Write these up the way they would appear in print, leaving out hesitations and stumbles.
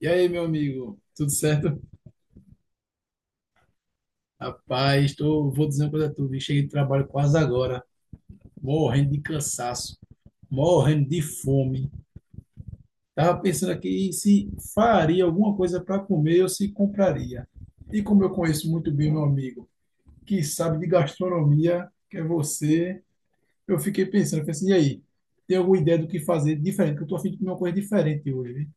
E aí, meu amigo, tudo certo? Rapaz, tô, vou dizer uma coisa a tu, vi, cheguei de trabalho quase agora, morrendo de cansaço, morrendo de fome. Tava pensando aqui se faria alguma coisa para comer ou se compraria. E como eu conheço muito bem meu amigo, que sabe de gastronomia, que é você, eu fiquei pensando, eu falei assim, e aí, tem alguma ideia do que fazer diferente? Que eu tô a fim de comer uma coisa diferente hoje, hein?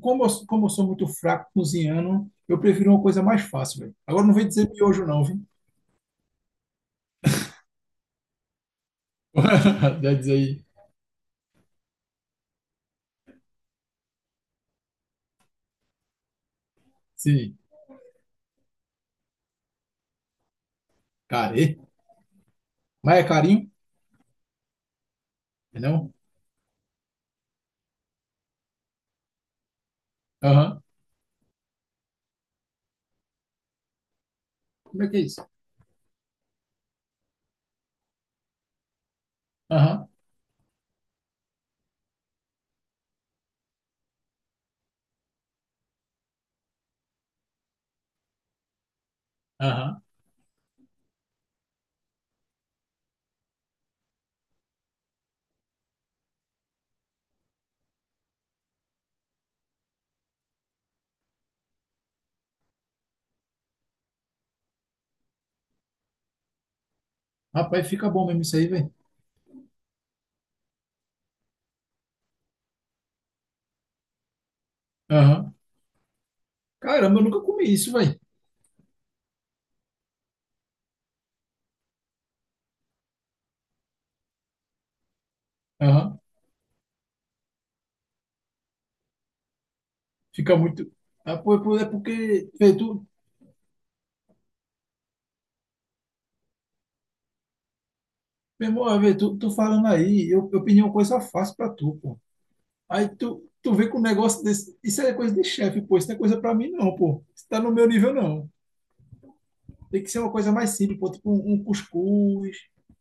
Como eu sou muito fraco cozinhando, eu prefiro uma coisa mais fácil, velho. Agora não vem dizer miojo, não, viu? Já diz aí, sim, care. Mas é carinho? É não? Aham. Como é que é isso? Aham, aham. Rapaz, fica bom mesmo isso aí, velho. Aham. Caramba, eu nunca comi isso, velho. Aham. Fica muito. Ah, pô, pô, é porque, vê, tu, meu irmão, vê, tu, tu, falando aí, eu pedi uma coisa fácil pra tu, pô. Aí tu vê com um negócio desse. Isso é coisa de chefe, pô. Isso não é coisa pra mim, não, pô. Isso tá no meu nível, não. Tem que ser uma coisa mais simples, pô. Tipo um cuscuz,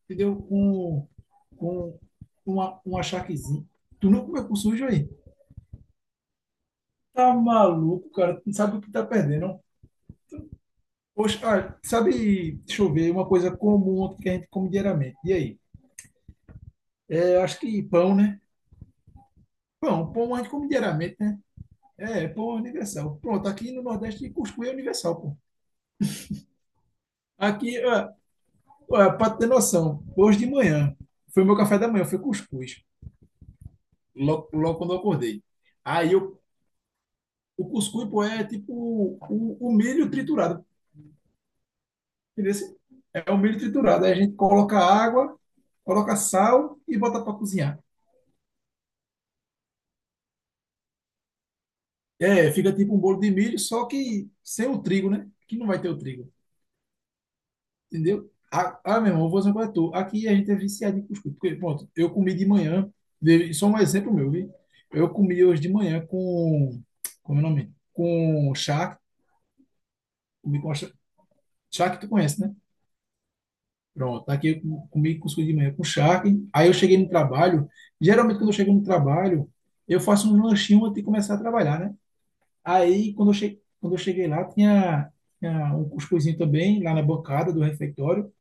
entendeu? Um. Com um achaquezinho. Tu não comeu com sujo aí? Tá maluco, cara? Tu não sabe o que tá perdendo. Poxa, ah, sabe, deixa eu ver, uma coisa comum que a gente come diariamente. E aí? É, acho que pão, né? Pão, pão a gente come diariamente, né? É, pão é universal. Pronto, aqui no Nordeste cuscuz é universal, pô. Aqui, ah, ah, pra ter noção, hoje de manhã, foi meu café da manhã, foi cuscuz, logo, logo quando eu acordei. Aí eu, o cuscuz, pô, é tipo o milho triturado, entendeu? É o milho triturado. Aí a gente coloca água, coloca sal e bota para cozinhar. É, fica tipo um bolo de milho, só que sem o trigo, né? Que não vai ter o trigo, entendeu? Ah, ah meu irmão, eu vou fazer um coisa tu. Aqui a gente é viciado em cuscuz. Porque, pronto, eu comi de manhã, só um exemplo meu, viu? Eu comi hoje de manhã com, como é o nome? Com charque, comi com charque, charque tu conhece, né? Pronto, tá aqui eu comi cuscuz de manhã com charque. Aí eu cheguei no trabalho. Geralmente, quando eu chego no trabalho, eu faço um lanchinho antes de começar a trabalhar, né? Aí, quando eu cheguei lá, tinha um cuscuzinho também, lá na bancada do refeitório.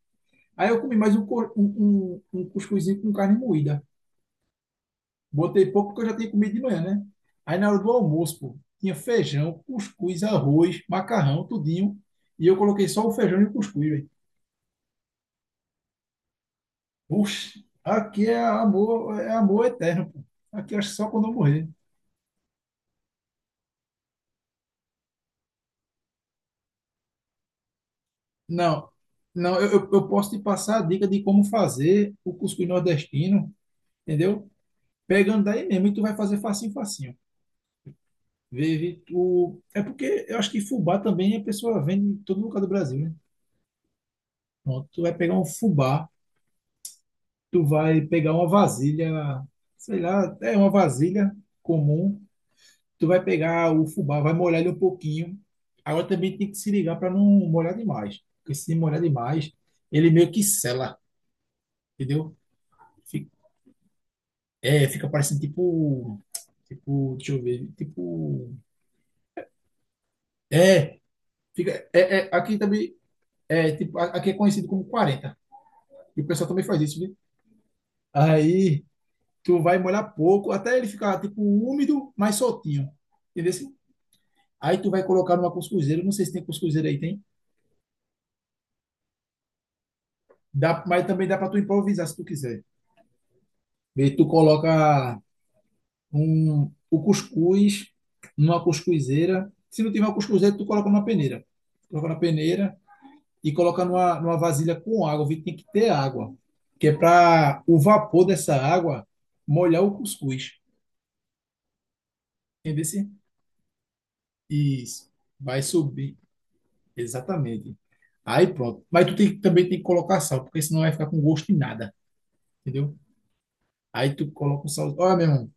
Aí eu comi mais um cuscuzinho com carne moída. Botei pouco porque eu já tinha comido de manhã, né? Aí, na hora do almoço, pô, tinha feijão, cuscuz, arroz, macarrão, tudinho. E eu coloquei só o feijão e o cuscuz, velho. Oxe, aqui é amor eterno, pô. Aqui acho que só quando eu morrer. Não, não, eu, eu posso te passar a dica de como fazer o cuscuz nordestino, entendeu? Pegando daí mesmo, e tu vai fazer facinho, facinho. É porque eu acho que fubá também a pessoa vende em todo lugar do Brasil, né? Pronto, tu vai pegar um fubá, tu vai pegar uma vasilha, sei lá, é uma vasilha comum, tu vai pegar o fubá, vai molhar ele um pouquinho. Agora também tem que se ligar para não molhar demais, porque se molhar demais, ele meio que sela, entendeu? Fica, é, fica parecendo tipo, deixa eu ver, tipo, é, fica, é, é, aqui também, é, tipo, aqui é conhecido como 40 e o pessoal também faz isso, viu? Aí tu vai molhar pouco, até ele ficar tipo úmido, mas soltinho, entendeu? Assim? Aí tu vai colocar numa cuscuzeira, não sei se tem cuscuzeira aí, tem? Dá, mas também dá para tu improvisar se tu quiser. E tu coloca o cuscuz numa cuscuzeira. Se não tiver uma cuscuzeira, tu coloca numa peneira. Coloca na peneira e coloca numa vasilha com água. Vê, tem que ter água. Que é para o vapor dessa água molhar o cuscuz. Entendeu? Sim? Isso. Vai subir. Exatamente. Aí pronto. Mas tu tem, também tem que colocar sal, porque senão vai ficar com gosto de nada. Entendeu? Aí tu coloca o sal. Olha, meu irmão.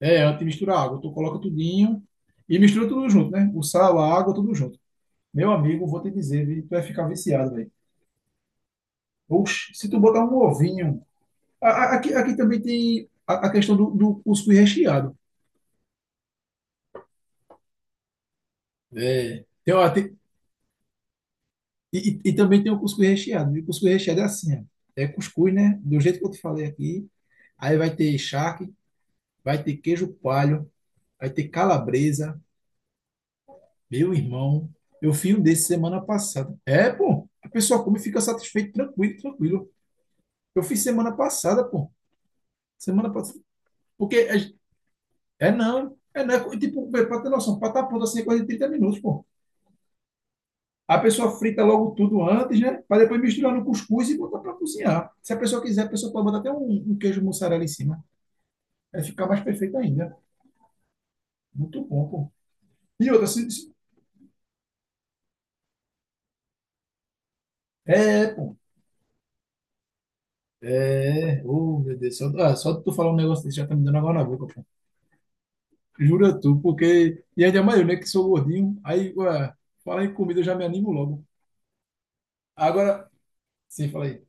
É, antes de misturar a água, tu coloca tudinho e mistura tudo junto, né? O sal, a água, tudo junto. Meu amigo, vou te dizer, tu vai ficar viciado, velho. Oxe, se tu botar um ovinho. A- aqui também tem a, questão do cuscuz recheado. É. Tem, uma- tem- e também tem o cuscuz recheado. E o cuscuz recheado é assim, ó. É cuscuz, né? Do jeito que eu te falei aqui. Aí vai ter charque, vai ter queijo coalho, vai ter calabresa. Meu irmão, eu fiz um desse semana passada. É, pô, a pessoa come e fica satisfeito, tranquilo, tranquilo. Eu fiz semana passada, pô. Semana passada. Porque é, é não, é não. Tipo, pra ter noção, pra estar pronto assim é coisa de 30 minutos, pô. A pessoa frita logo tudo antes, né? Pra depois misturar no cuscuz e botar pra cozinhar. Se a pessoa quiser, a pessoa pode botar até um queijo mussarela em cima. Vai ficar mais perfeito ainda. Muito bom, pô. E outra, é, pô. É. Oh, meu Deus. Só de tu falar um negócio desse já tá me dando água na boca, pô. Jura tu, porque. E ainda mais eu, né? Que sou gordinho. Aí, ué, fala em comida, eu já me animo logo. Agora, sim, falei.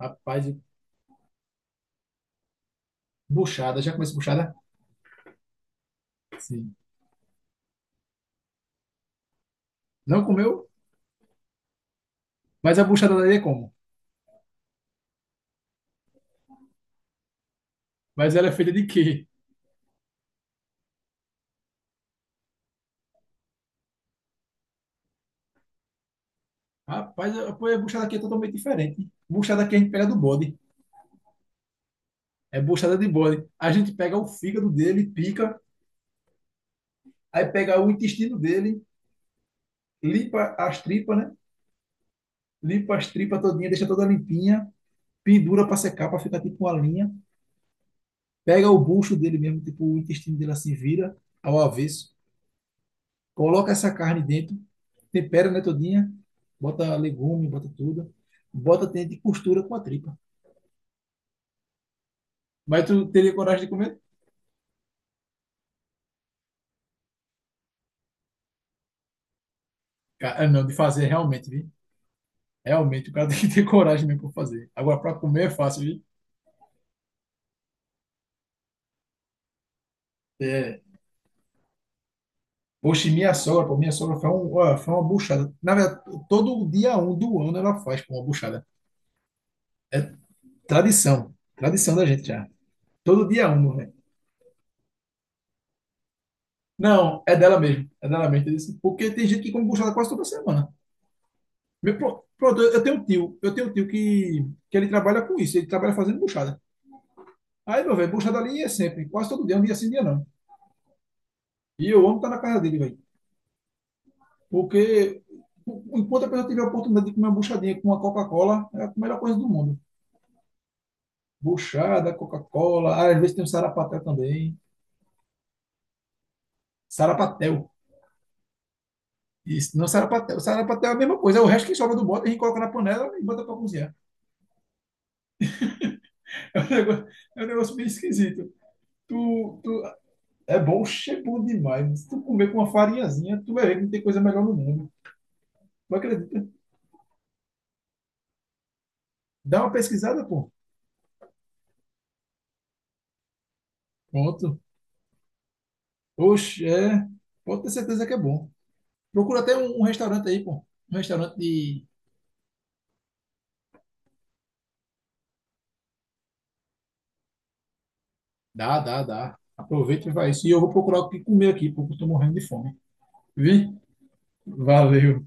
Rapaz, buchada. Já comeu buchada? Sim. Não comeu? Mas a buchada daí é como? Mas ela é feita de quê? Rapaz, a buchada aqui é totalmente diferente. Buchada aqui a gente pega do bode. É buchada de bode. A gente pega o fígado dele, pica. Aí pega o intestino dele, limpa as tripas, né? Limpa as tripas todinha, deixa toda limpinha. Pendura para secar, para ficar tipo uma linha. Pega o bucho dele mesmo, tipo, o intestino dele assim, vira ao avesso, coloca essa carne dentro, tempera, né, todinha, bota legume, bota tudo, bota dentro e costura com a tripa. Mas tu teria coragem de comer? Cara, não, de fazer realmente, viu? Realmente, o cara tem que ter coragem mesmo para fazer. Agora, para comer é fácil, viu? É. Poxa, e minha sogra, pô, minha sogra faz um, ó, foi uma buchada. Na verdade, todo dia um do ano ela faz, pô, uma buchada. É tradição, tradição da gente já. Todo dia um. Não, é dela mesmo. É dela mesmo, entendeu? Assim, porque tem gente que come buchada quase toda semana. Pronto, eu tenho um tio, que ele trabalha com isso, ele trabalha fazendo buchada. Aí, meu velho, buchada ali é sempre, quase todo dia, um dia sim, um dia não. E eu amo estar na casa dele, velho. Porque enquanto a pessoa tiver a oportunidade de comer uma buchadinha com uma Coca-Cola, é a melhor coisa do mundo. Buchada, Coca-Cola, ah, às vezes tem um sarapatel também. Sarapatel. Isso, não sarapatel. Sarapatel é a mesma coisa, é o resto que sobra do bode, a gente coloca na panela e bota para cozinhar. É um negócio, é um negócio bem esquisito. Tu, tu, é bom, é bom demais. Se tu comer com uma farinhazinha, tu vai ver que não tem coisa melhor no mundo. Não acredita? Dá uma pesquisada, pô. Pronto. Oxe, é. Pode ter certeza que é bom. Procura até um restaurante aí, pô. Um restaurante de. Dá, dá, dá. Aproveita e vai isso. E eu vou procurar o que comer aqui, porque eu tô morrendo de fome. Vi? Valeu.